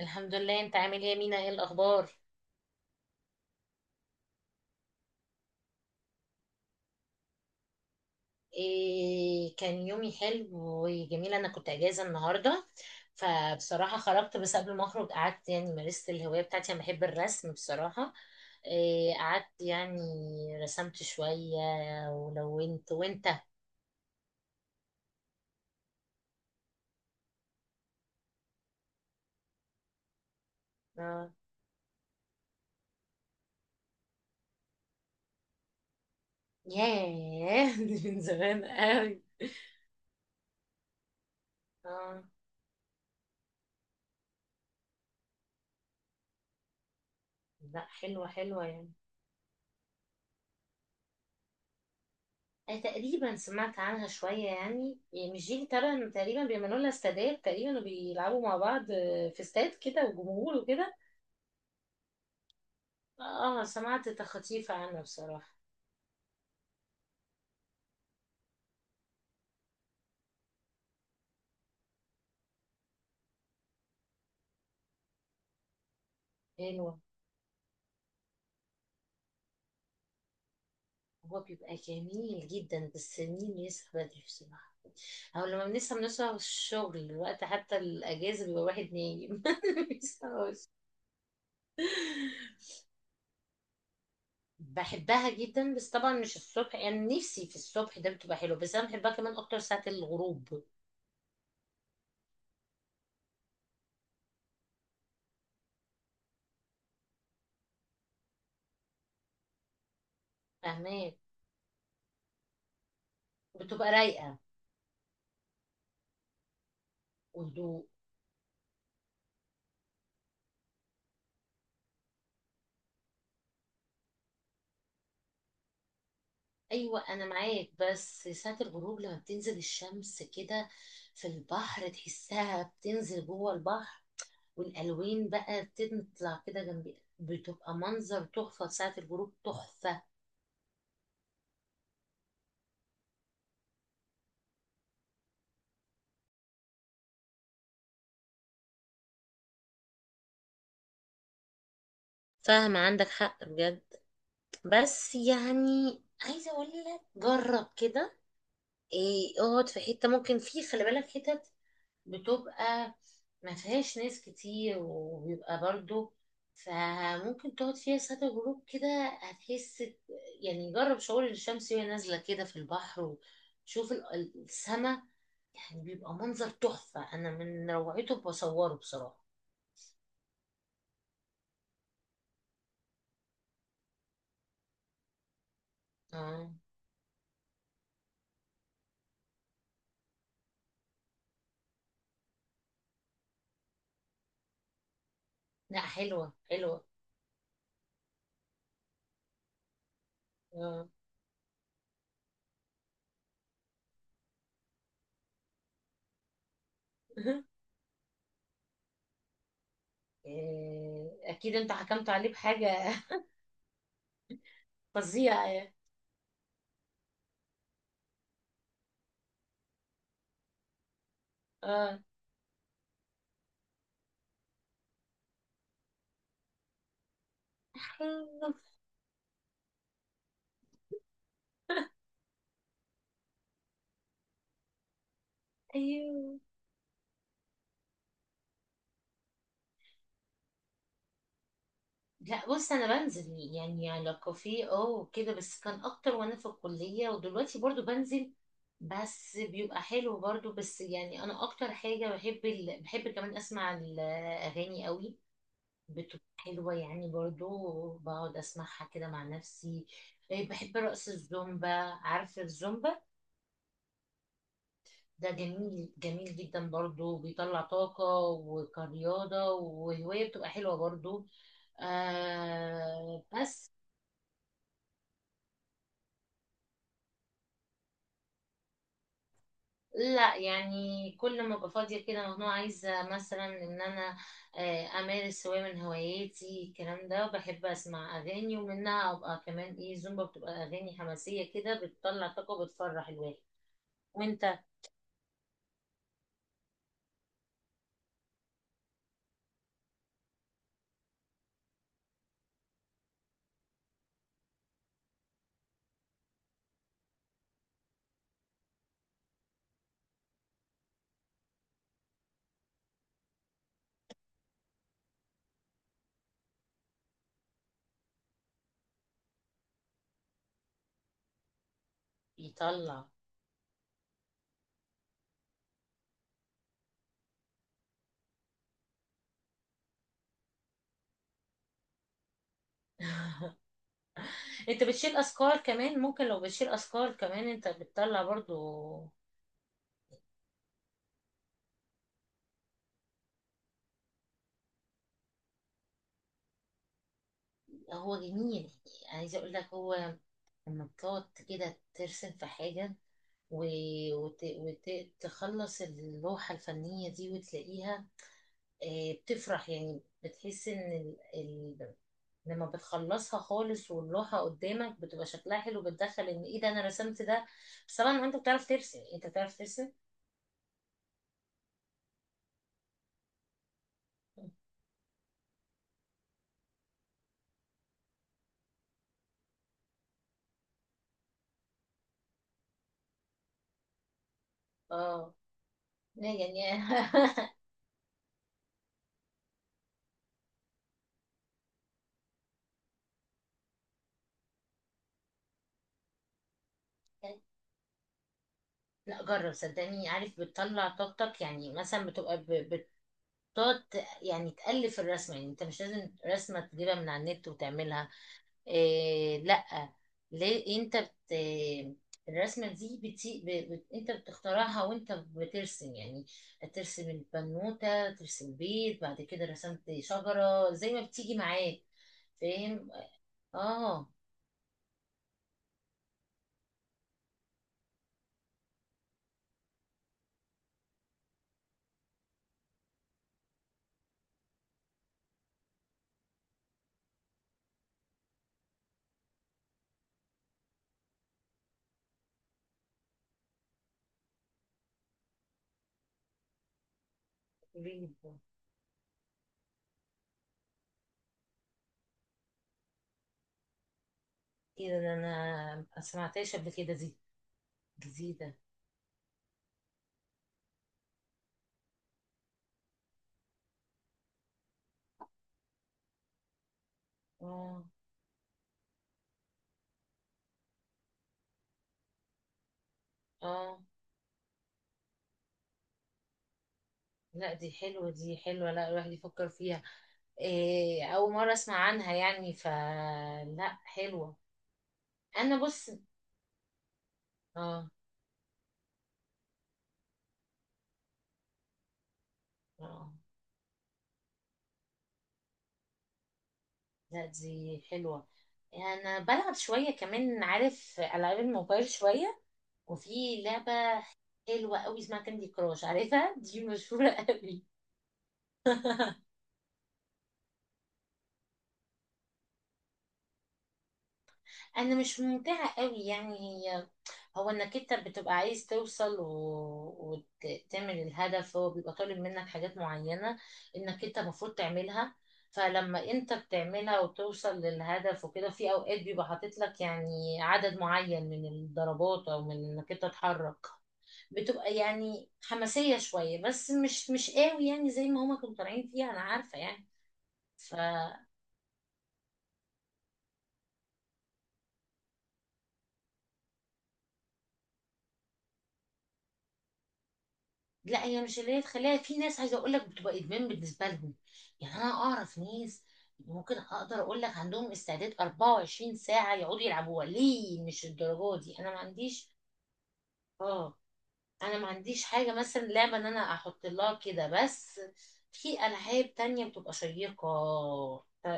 الحمد لله. انت عامل ايه يا مينا؟ ايه الاخبار؟ إيه، كان يومي حلو وجميل. انا كنت اجازه النهارده، فبصراحه خرجت. بس قبل ما اخرج قعدت، يعني مارست الهوايه بتاعتي. انا بحب الرسم بصراحه. إيه قعدت يعني، رسمت شويه ولونت. وانت؟ اه، ياه دي من زمان قوي. اه، لا حلوه حلوه يعني. تقريبا سمعت عنها شوية يعني. يعني مش دي تقريبا تقريبا بيعملوا لها استادات تقريبا وبيلعبوا مع بعض، في استاد كده وجمهور وكده. اه، سمعت تخطيف عنها بصراحة. حلوة. هو بيبقى جميل جدا، بس مين يصحى بدري بصراحة؟ أو لما بنصحى بنصحى الشغل الوقت، حتى الأجازة بيبقى واحد نايم مبيصحاش. بحبها جدا، بس طبعا مش الصبح. يعني نفسي في الصبح، ده بتبقى حلوة، بس أنا بحبها كمان أكتر ساعة الغروب. فاهمة. بتبقى رايقة. وهدوء. ايوه انا معاك، بس ساعة الغروب لما بتنزل الشمس كده في البحر تحسها بتنزل جوه البحر، والالوان بقى بتطلع كده جنبي، بتبقى منظر تحفة في ساعة الغروب، تحفة. فاهمة، عندك حق بجد. بس يعني عايزة اقول لك جرب كده، ايه اقعد في حتة ممكن، في خلي بالك حتت بتبقى ما فيهاش ناس كتير وبيبقى برضو، فممكن تقعد فيها ساعة غروب كده. هتحس يعني، جرب شعور الشمس وهي نازلة كده في البحر، وشوف السما. يعني بيبقى منظر تحفة، أنا من روعته بصوره بصراحة. آه. لا حلوة حلوة. آه. آه، أكيد أنت حكمت عليه بحاجة. فظيعة يعني. اه. أيوه. لا بص، انا بنزل يعني على كافيه اه وكده، بس كان اكتر وانا في الكليه، ودلوقتي برضو بنزل. بس بيبقى حلو برضو. بس يعني انا اكتر حاجه بحب بحب كمان اسمع الاغاني قوي. بتبقى حلوه يعني، برضو بقعد اسمعها كده مع نفسي. إيه، بحب رقص الزومبا. عارف الزومبا؟ ده جميل، جميل جدا برضو. بيطلع طاقه وكرياضه، وهوايه بتبقى حلوه برضو. آه بس. لا يعني كل ما ابقى فاضيه كده مجنونه، عايزه مثلا ان انا، امارس هوايه من هواياتي. الكلام ده، بحب اسمع اغاني ومنها ابقى كمان ايه زومبا. بتبقى اغاني حماسيه كده، بتطلع طاقه وبتفرح الواحد. وانت؟ بيطلع. انت بتشيل افكار كمان، ممكن لو بتشيل افكار كمان انت بتطلع برضو. هو جميل. عايزه اقول لك، هو لما بتقعد كده ترسم في حاجه، وتخلص اللوحة الفنية دي وتلاقيها، بتفرح يعني. بتحس ان لما بتخلصها خالص واللوحة قدامك بتبقى شكلها حلو، بتدخل ان ايه ده انا رسمت ده. بس طبعا انت بتعرف ترسم، انت بتعرف ترسم. اه. لا يعني. لا جرب صدقني، عارف بتطلع طاقتك يعني. مثلا بتقعد يعني تألف الرسمة، يعني انت مش لازم رسمة تجيبها من على النت وتعملها. إيه لا، ليه انت بت، الرسمه دي بتي... ب... بت... انت بتخترعها وانت بترسم يعني. ترسم البنوته، ترسم بيت، بعد كده رسمت شجره زي ما بتيجي معاك. فاهم. اه. قوليلي. ايه ده؟ انا ما سمعتهاش قبل كده دي. جديده. اه. اه لا، دي حلوه دي حلوه. لا الواحد يفكر فيها. إيه اول مره اسمع عنها يعني، فلا حلوه. انا بص. اه. اه لا، دي حلوة. أنا بلعب شوية كمان، عارف ألعاب الموبايل شوية. وفي لعبة حلوة قوي اسمها كاندي كراش. عارفها دي؟ مشهورة قوي. أنا مش ممتعة قوي يعني. هي هو، إنك أنت بتبقى عايز توصل وتعمل الهدف. هو بيبقى طالب منك حاجات معينة إنك أنت المفروض تعملها. فلما أنت بتعملها وتوصل للهدف وكده، في أوقات بيبقى حاطط لك يعني عدد معين من الضربات، أو من إنك أنت تتحرك. بتبقى يعني حماسية شوية، بس مش مش قوي يعني زي ما هما كانوا طالعين فيها انا عارفة يعني. ف، لا هي مش اللي هي تخليها. في ناس عايزة اقول لك بتبقى ادمان بالنسبة لهم. يعني انا اعرف ناس ممكن اقدر اقول لك عندهم استعداد 24 ساعة يقعدوا يلعبوها. ليه؟ مش الدرجة دي، انا ما عنديش. اه. انا ما عنديش حاجه مثلا لعبه ان انا احط لها كده، بس في العاب تانية بتبقى شيقه،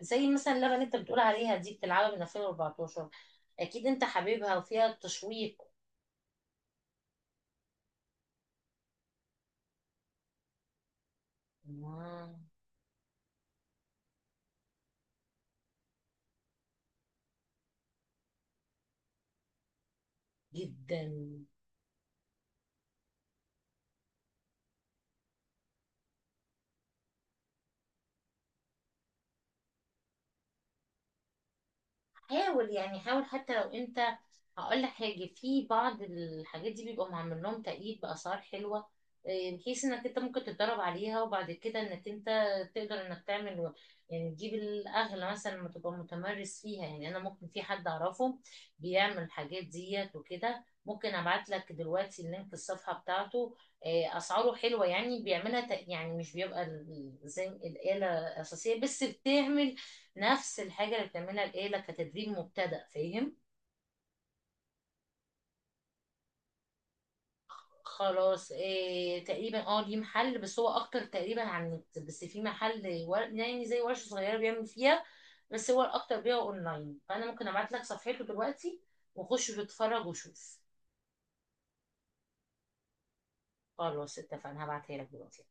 زي مثلا اللعبه اللي انت بتقول عليها دي بتلعبها من 2014. اكيد انت حبيبها وفيها تشويق. آه، جدا. حاول يعني، حاول حتى لو انت، هقول لك حاجة. في بعض الحاجات دي بيبقوا معمول لهم تقييد بأسعار حلوة، إيه، بحيث انك انت ممكن تتدرب عليها، وبعد كده انك انت تقدر انك تعمل، يعني تجيب الاغلى مثلا لما تبقى متمرس فيها. يعني انا ممكن، في حد اعرفه بيعمل الحاجات ديت وكده، ممكن ابعت لك دلوقتي اللينك الصفحة بتاعته. إيه، اسعاره حلوة يعني، بيعملها تق-، يعني مش بيبقى زي الآلة أساسية، بس بتعمل نفس الحاجة اللي بتعملها الآلة كتدريب مبتدئ. فاهم؟ خلاص. إيه تقريبا، اه، ليه محل، بس هو اكتر تقريبا عن النت. بس في محل يعني زي ورشة صغيرة بيعمل فيها، بس هو الاكتر بيها اونلاين. فانا ممكن ابعت لك صفحته دلوقتي، وخش واتفرج وشوف. خلاص اتفقنا، هبعتها لك دلوقتي.